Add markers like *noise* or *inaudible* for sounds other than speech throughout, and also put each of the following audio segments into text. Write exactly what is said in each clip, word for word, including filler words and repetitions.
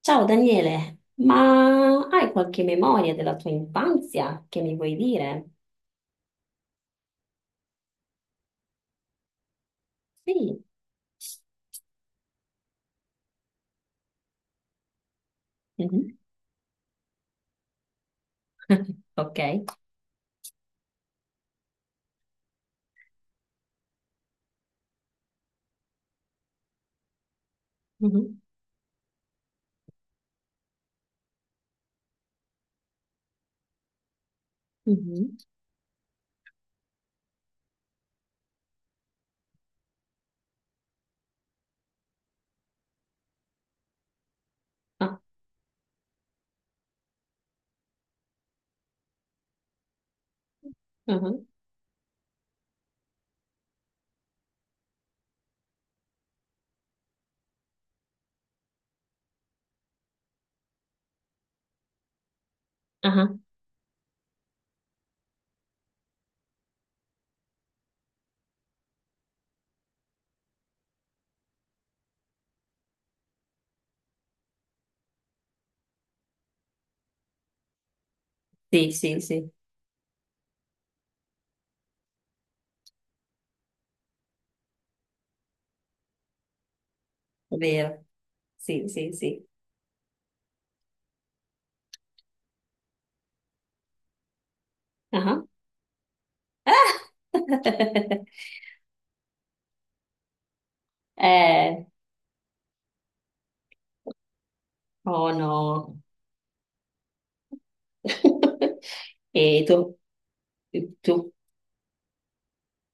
Ciao Daniele, ma hai qualche memoria della tua infanzia che mi vuoi dire? Sì. Mhm. Ok. Mhm. Mhm. Ah, ah, ah. Sì, sì, sì, è vero. Sì, sì, sì. Ah. *laughs* Eh, oh no. *laughs* E tu? Tu?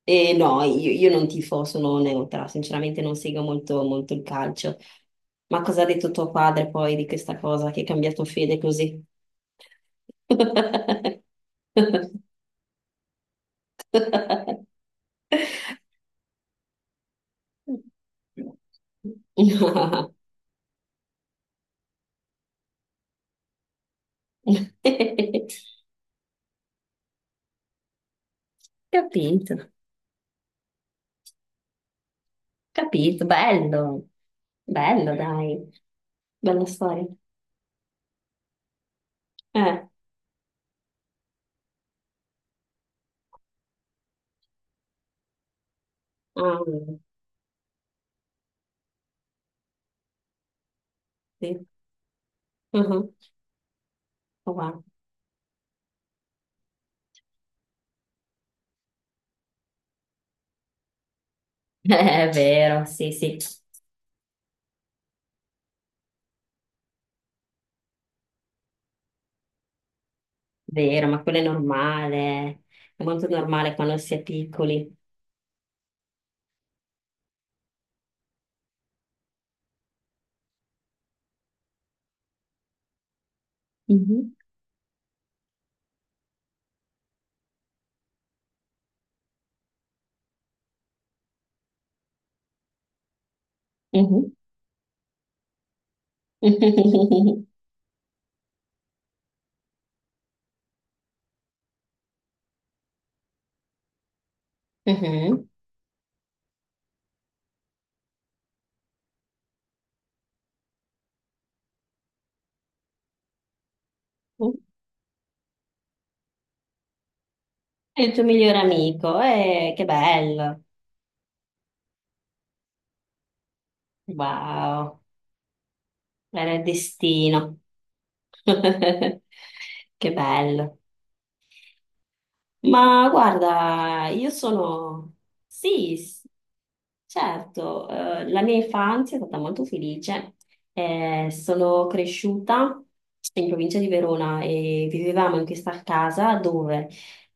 Eh, no, io, io non tifo, sono neutra, sinceramente non seguo molto, molto il calcio. Ma cosa ha detto tuo padre poi di questa cosa che hai cambiato fede così? *laughs* Capito, capito, bello, bello dai, bella storia. Eh, ah, sì. Mhm, wow. *laughs* Eh, è vero, sì, sì, vero, ma quello è normale, è molto normale quando si è piccoli. Mhm, mhm. *laughs* Mhm. È il tuo migliore amico, eh, che bello, wow, era il destino. *laughs* Che bello. Ma guarda, io sono... Sì, s- certo, eh, la mia infanzia è stata molto felice. Eh, sono cresciuta in provincia di Verona e vivevamo in questa casa dove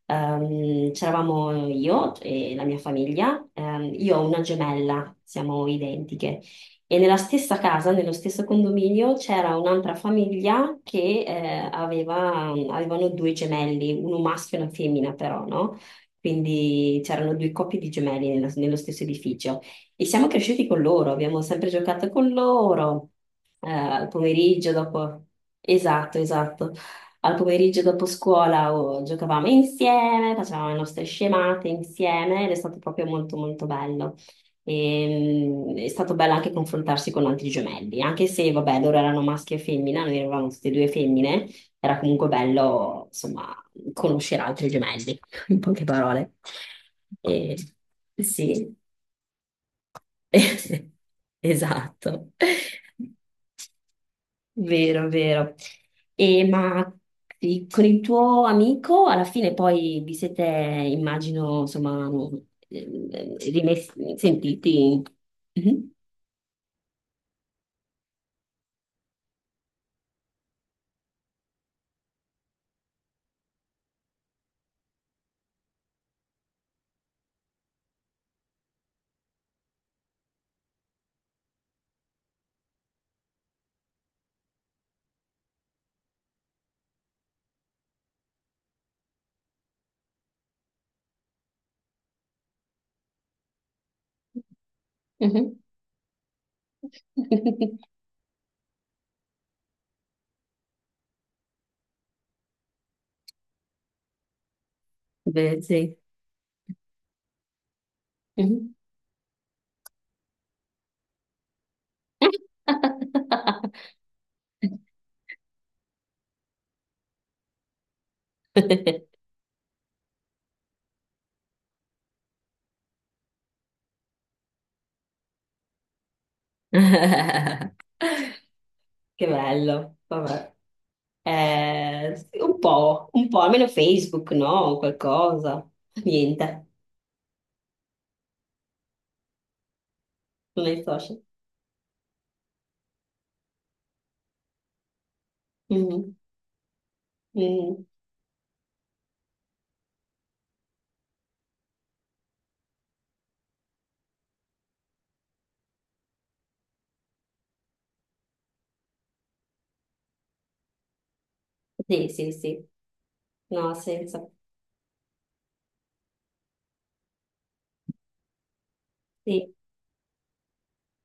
ehm, c'eravamo io e la mia famiglia. Ehm, io ho una gemella, siamo identiche. E nella stessa casa, nello stesso condominio, c'era un'altra famiglia che eh, aveva- avevano due gemelli, uno maschio e una femmina però, no? Quindi c'erano due coppie di gemelli nello, nello stesso edificio. E siamo cresciuti con loro, abbiamo sempre giocato con loro, eh, al pomeriggio dopo... Esatto, esatto. Al pomeriggio dopo scuola oh, giocavamo insieme, facevamo le nostre scemate insieme ed è stato proprio molto molto bello. E, mm, è stato bello anche confrontarsi con altri gemelli, anche se, vabbè, loro erano maschi e femmina, noi eravamo tutte e due femmine, era comunque bello, insomma, conoscere altri gemelli, *laughs* in poche parole. E, sì, *laughs* esatto, vero, vero. E, ma sì, con il tuo amico, alla fine poi vi siete, immagino, insomma, eh, rimessi- sentiti. Mhm. Mhm. Vedi? *laughs* Che bello, vabbè. Eh, sì, un po', un po', almeno Facebook, no? Qualcosa. Niente, non è social. Mhm, mhm. Sì, sì, sì. No, ha senso. Sì.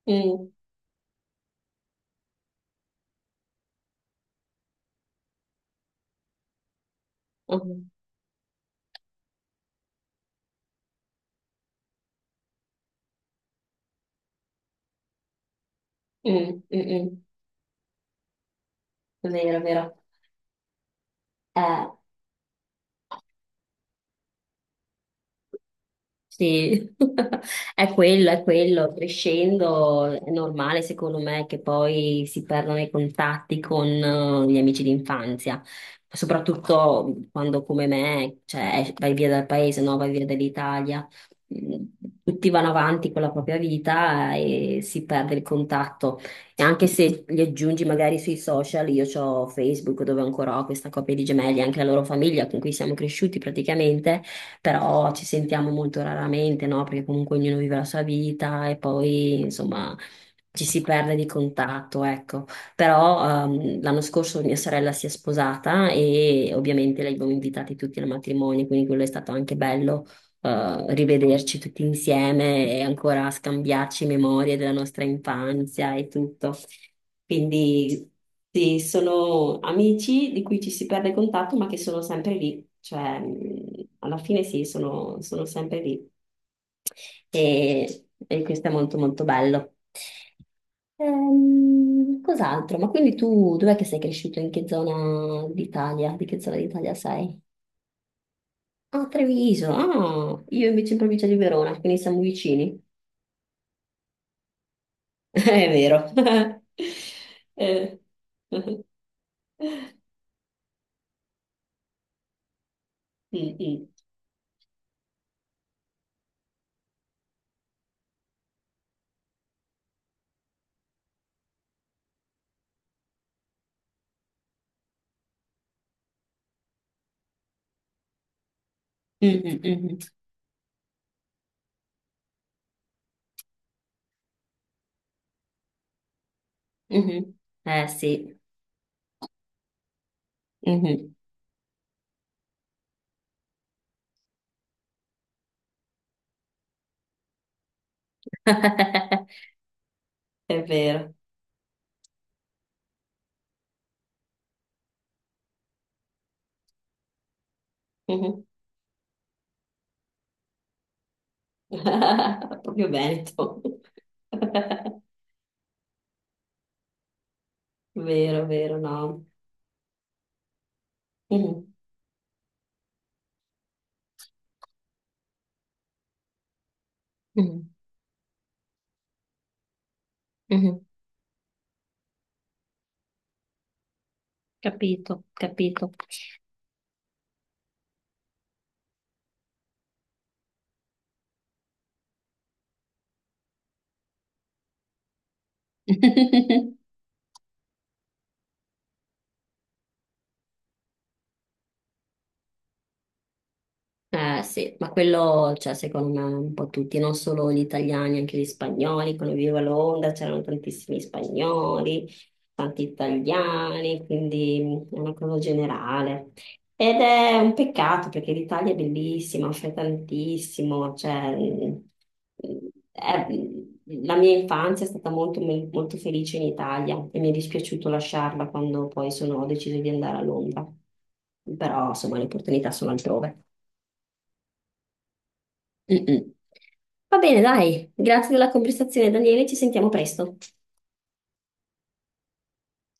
Mm, mm, mm, mm, mm. Vero, vero. Eh, Sì, *laughs* è quello, è quello. Crescendo è normale, secondo me, che poi si perdano i contatti con eh, gli amici d'infanzia, soprattutto quando come me, cioè, vai via dal paese, no? Vai via dall'Italia. Mm, tutti vanno avanti con la propria vita e si perde il contatto. E anche se li aggiungi magari sui social, io ho Facebook dove ancora ho questa coppia di gemelli, anche la loro famiglia con cui siamo cresciuti praticamente però ci sentiamo molto raramente, no? Perché comunque ognuno vive la sua vita e poi, insomma, ci si perde di contatto, ecco. Però ehm, l'anno scorso mia sorella si è sposata e ovviamente li abbiamo invitati tutti al matrimonio, quindi quello è stato anche bello eh, rivederci tutti insieme e ancora scambiarci memorie della nostra infanzia e tutto. Quindi sì, sono amici di cui ci si perde contatto, ma che sono sempre lì. Cioè, mh, alla fine sì, sono, sono sempre lì. E, e questo è molto molto bello. Ehm, cos'altro? Ma quindi tu dov'è che sei cresciuto? In che zona d'Italia? Di che zona d'Italia sei? Ah, Treviso, ah, io invece in provincia di Verona, quindi siamo vicini. *laughs* È vero. *laughs* Eh. Mm, mm. Mm, mm, mm, mhm. Eh sì, mhm. *laughs* È vero. Mhm. *laughs* Proprio Veneto. *laughs* Vero, vero, no. Mhm. Mhm. Mhm. Capito, capito. *laughs* Eh sì, ma quello, cioè, secondo me, un po' tutti, non solo gli italiani, anche gli spagnoli. Quando vivevo a Londra c'erano tantissimi spagnoli, tanti italiani, quindi è una cosa generale. Ed è un peccato perché l'Italia è bellissima, offre tantissimo, cioè, mm, è- mm, la mia infanzia è stata molto, molto felice in Italia e mi è dispiaciuto lasciarla quando poi sono, ho deciso di andare a Londra. Però, insomma, le opportunità sono altrove. Mm, mm. Va bene, dai, grazie della conversazione, Daniele, ci sentiamo presto.